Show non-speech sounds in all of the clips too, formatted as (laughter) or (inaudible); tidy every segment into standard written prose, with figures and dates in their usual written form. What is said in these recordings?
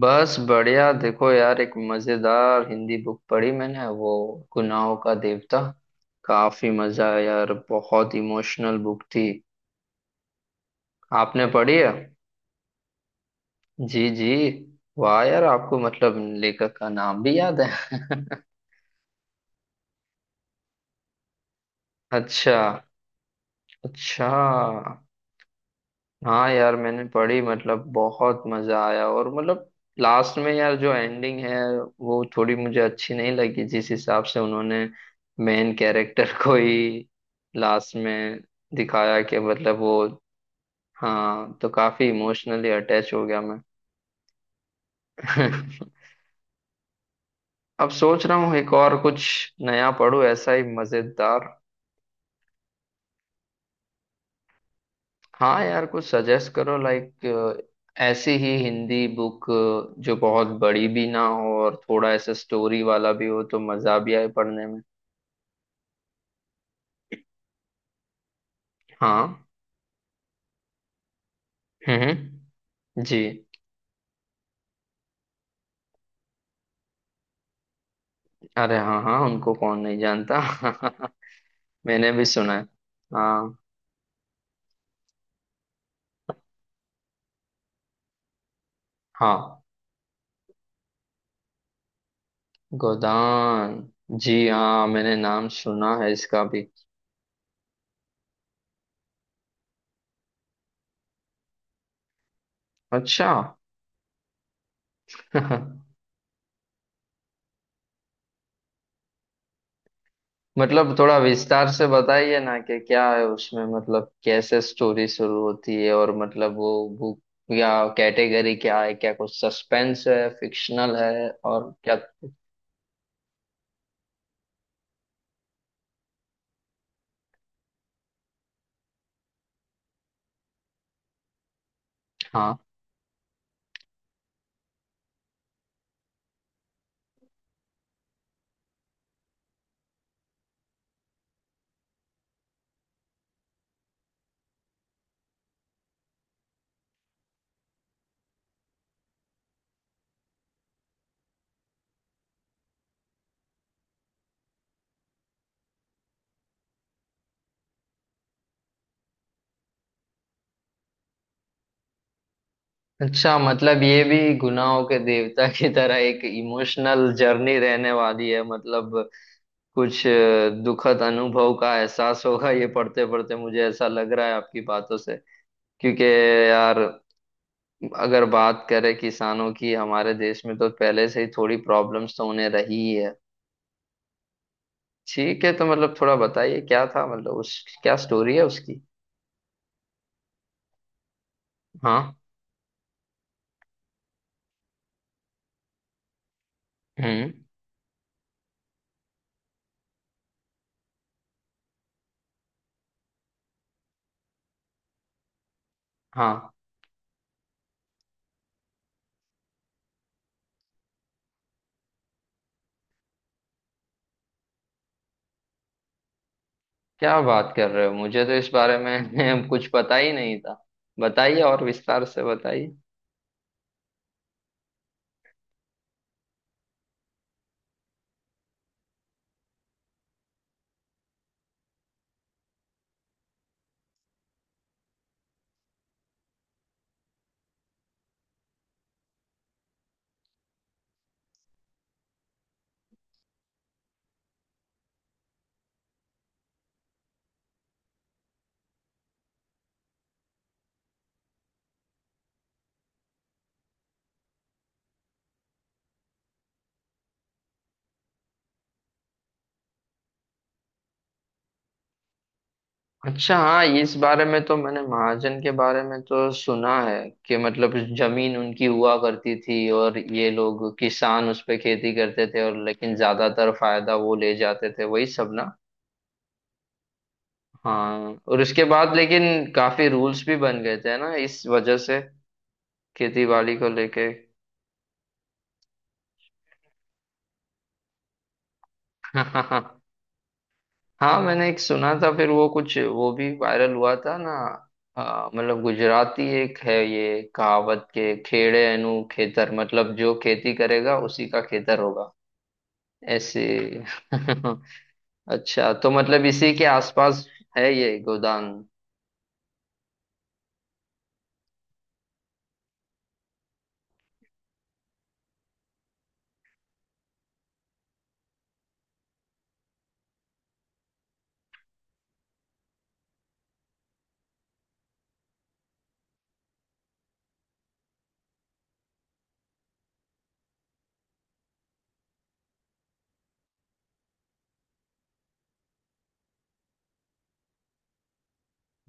बस बढ़िया। देखो यार, एक मजेदार हिंदी बुक पढ़ी मैंने, वो गुनाहों का देवता। काफी मजा आया यार, बहुत इमोशनल बुक थी। आपने पढ़ी है? जी जी। वाह यार, आपको मतलब लेखक का नाम भी याद है। (laughs) अच्छा, अच्छा। हाँ यार, मैंने पढ़ी, मतलब बहुत मजा आया, और मतलब लास्ट में यार जो एंडिंग है, वो थोड़ी मुझे अच्छी नहीं लगी, जिस हिसाब से उन्होंने मेन कैरेक्टर (laughs) को ही लास्ट में दिखाया कि मतलब वो। हाँ, तो काफी इमोशनली अटैच हो गया मैं। (laughs) अब सोच रहा हूँ एक और कुछ नया पढ़ूँ, ऐसा ही मजेदार। हाँ यार, कुछ सजेस्ट करो, लाइक ऐसी ही हिंदी बुक जो बहुत बड़ी भी ना हो और थोड़ा ऐसा स्टोरी वाला भी हो, तो मजा भी आए पढ़ने में। हाँ। हम्म। जी। अरे हाँ हाँ, उनको कौन नहीं जानता। (laughs) मैंने भी सुना है। हाँ। हाँ। गोदान। जी हाँ, मैंने नाम सुना है इसका भी। अच्छा। (laughs) मतलब थोड़ा विस्तार से बताइए ना, कि क्या है उसमें, मतलब कैसे स्टोरी शुरू होती है, और मतलब वो बुक या कैटेगरी क्या है, क्या कुछ सस्पेंस है, फिक्शनल है, और क्या? हाँ। अच्छा, मतलब ये भी गुनाहों के देवता की तरह एक इमोशनल जर्नी रहने वाली है, मतलब कुछ दुखद अनुभव का एहसास होगा, ये पढ़ते पढ़ते मुझे ऐसा लग रहा है आपकी बातों से। क्योंकि यार, अगर बात करें किसानों की हमारे देश में, तो पहले से ही थोड़ी प्रॉब्लम्स तो उन्हें रही ही है। ठीक है, तो मतलब थोड़ा बताइए क्या था, मतलब उस, क्या स्टोरी है उसकी। हाँ। हम्म। हाँ। क्या बात कर रहे हो, मुझे तो इस बारे में (laughs) कुछ पता ही नहीं था। बताइए और विस्तार से बताइए। अच्छा हाँ, इस बारे में तो मैंने महाजन के बारे में तो सुना है, कि मतलब जमीन उनकी हुआ करती थी और ये लोग किसान उस पे खेती करते थे, और लेकिन ज्यादातर फायदा वो ले जाते थे, वही सब ना। हाँ, और उसके बाद लेकिन काफी रूल्स भी बन गए थे ना इस वजह से, खेती बाड़ी को लेके। (laughs) हाँ, मैंने एक सुना था फिर वो, कुछ वो भी वायरल हुआ था ना। मतलब गुजराती एक है ये कहावत, के खेड़े एनु खेतर, मतलब जो खेती करेगा उसी का खेतर होगा। ऐसे। (laughs) अच्छा, तो मतलब इसी के आसपास है ये गोदान।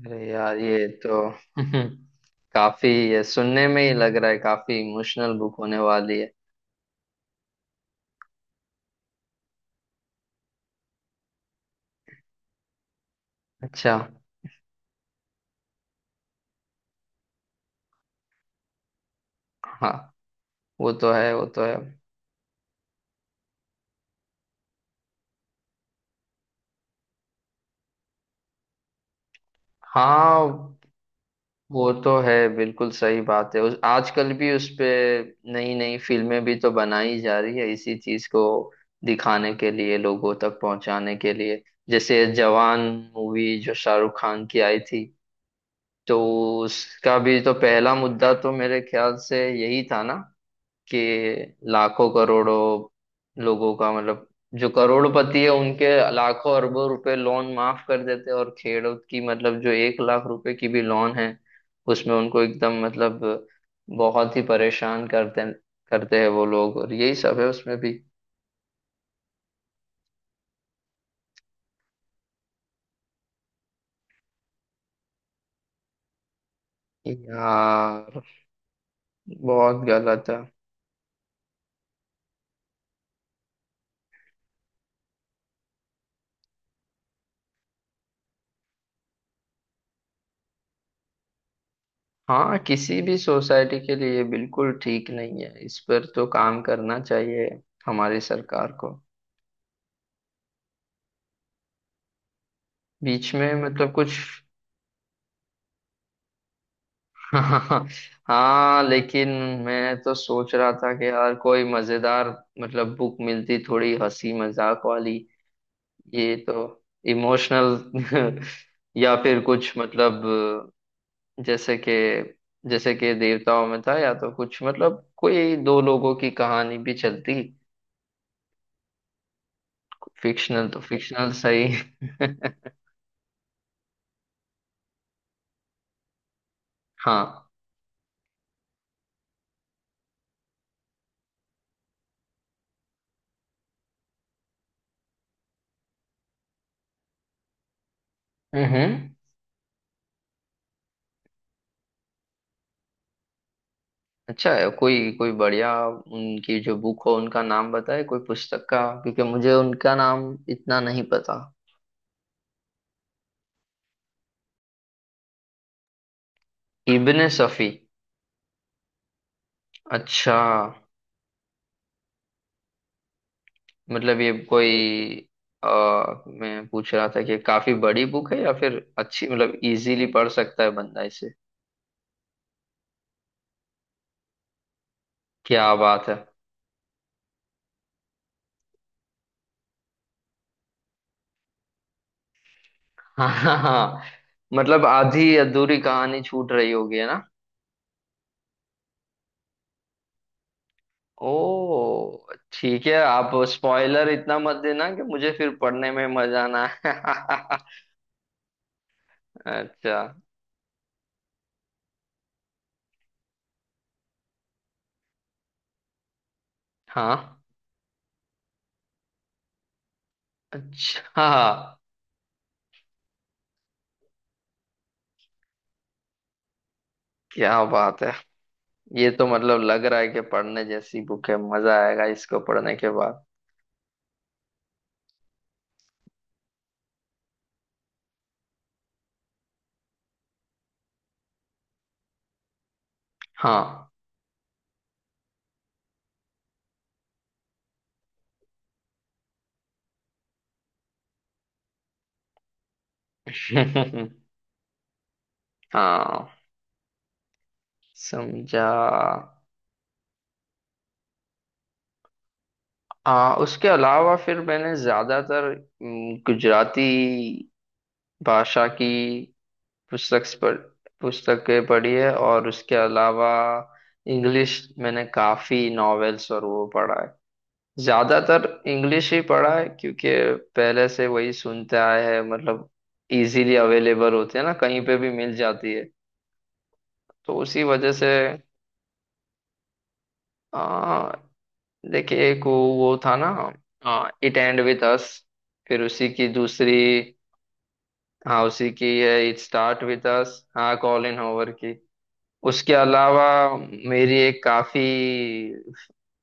अरे यार, ये तो (laughs) काफी, ये सुनने में ही लग रहा है काफी इमोशनल बुक होने वाली है। अच्छा। हाँ, वो तो है, वो तो है। हाँ, वो तो है, बिल्कुल सही बात है, उस आजकल भी उस पे नई नई फिल्में भी तो बनाई जा रही है, इसी चीज को दिखाने के लिए, लोगों तक पहुंचाने के लिए। जैसे जवान मूवी जो शाहरुख खान की आई थी, तो उसका भी तो पहला मुद्दा तो मेरे ख्याल से यही था ना, कि लाखों करोड़ों लोगों का, मतलब जो करोड़पति है उनके लाखों अरबों रुपए लोन माफ कर देते हैं, और खेड़ूत की, मतलब जो 1 लाख रुपए की भी लोन है, उसमें उनको एकदम, मतलब बहुत ही परेशान करते करते हैं वो लोग, और यही सब है उसमें भी। यार, बहुत गलत है। हाँ, किसी भी सोसाइटी के लिए ये बिल्कुल ठीक नहीं है, इस पर तो काम करना चाहिए हमारी सरकार को। बीच में मतलब कुछ। (laughs) हाँ। हाँ लेकिन मैं तो सोच रहा था कि यार कोई मजेदार, मतलब बुक मिलती थोड़ी हंसी मजाक वाली, ये तो इमोशनल। (laughs) या फिर कुछ, मतलब जैसे कि जैसे कि देवताओं में था, या तो कुछ, मतलब कोई दो लोगों की कहानी भी चलती। फिक्शनल तो फिक्शनल सही। (laughs) हाँ। हम्म। अच्छा है, कोई कोई बढ़िया उनकी जो बुक हो उनका नाम बताए कोई पुस्तक का, क्योंकि मुझे उनका नाम इतना नहीं पता। इब्ने सफी। अच्छा, मतलब ये कोई आ, मैं पूछ रहा था कि काफी बड़ी बुक है या फिर अच्छी, मतलब इजीली पढ़ सकता है बंदा इसे। क्या बात है। हाँ हाँ हाँ, मतलब आधी अधूरी कहानी छूट रही होगी है ना। ओ। ठीक है, आप स्पॉइलर इतना मत देना कि मुझे फिर पढ़ने में मजा ना आए। (laughs) अच्छा। हाँ। अच्छा। क्या बात है, ये तो मतलब लग रहा है कि पढ़ने जैसी बुक है, मजा आएगा इसको पढ़ने के बाद। हाँ। (laughs) हाँ, समझा। उसके अलावा फिर मैंने ज्यादातर गुजराती भाषा की पुस्तक पढ़ पुस्तकें पढ़ी है, और उसके अलावा इंग्लिश मैंने काफी नॉवेल्स और वो पढ़ा है, ज्यादातर इंग्लिश ही पढ़ा है, क्योंकि पहले से वही सुनते आए हैं, मतलब इजीली अवेलेबल होते हैं ना, कहीं पे भी मिल जाती है, तो उसी वजह से। आ, देखिए, एक वो था ना। इट एंड विथ अस, फिर उसी की दूसरी। हाँ उसी की है, इट स्टार्ट विथ अस। हाँ, कॉलिन हॉवर की। उसके अलावा मेरी एक काफी,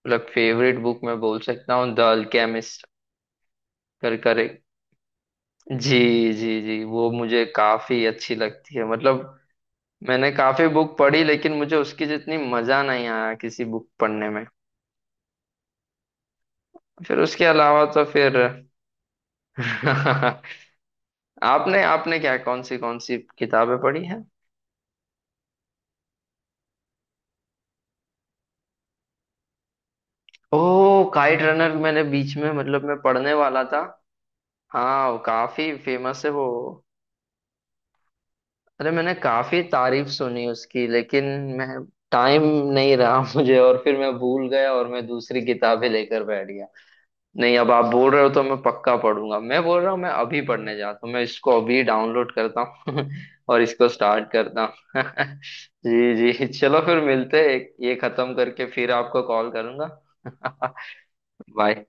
मतलब फेवरेट बुक, मैं बोल सकता हूँ, द अल्केमिस्ट। कर कर जी जी, जी, वो मुझे काफी अच्छी लगती है, मतलब मैंने काफी बुक पढ़ी, लेकिन मुझे उसकी जितनी मजा नहीं आया किसी बुक पढ़ने में। फिर उसके अलावा तो फिर। (laughs) आपने आपने क्या, कौन सी किताबें पढ़ी हैं? ओ, काइट रनर मैंने बीच में, मतलब मैं पढ़ने वाला था। हाँ, वो काफी फेमस है वो। अरे मैंने काफी तारीफ सुनी उसकी, लेकिन मैं, टाइम नहीं रहा (laughs) मुझे, और फिर मैं भूल गया और मैं दूसरी किताबें लेकर बैठ गया। नहीं, अब आप बोल रहे हो तो मैं पक्का पढ़ूंगा, मैं बोल रहा हूँ, मैं अभी पढ़ने जाता हूँ, मैं इसको अभी डाउनलोड करता हूँ (laughs) और इसको स्टार्ट करता हूँ। (laughs) जी जी, चलो फिर मिलते हैं। ये खत्म करके फिर आपको कॉल करूंगा। (laughs) बाय।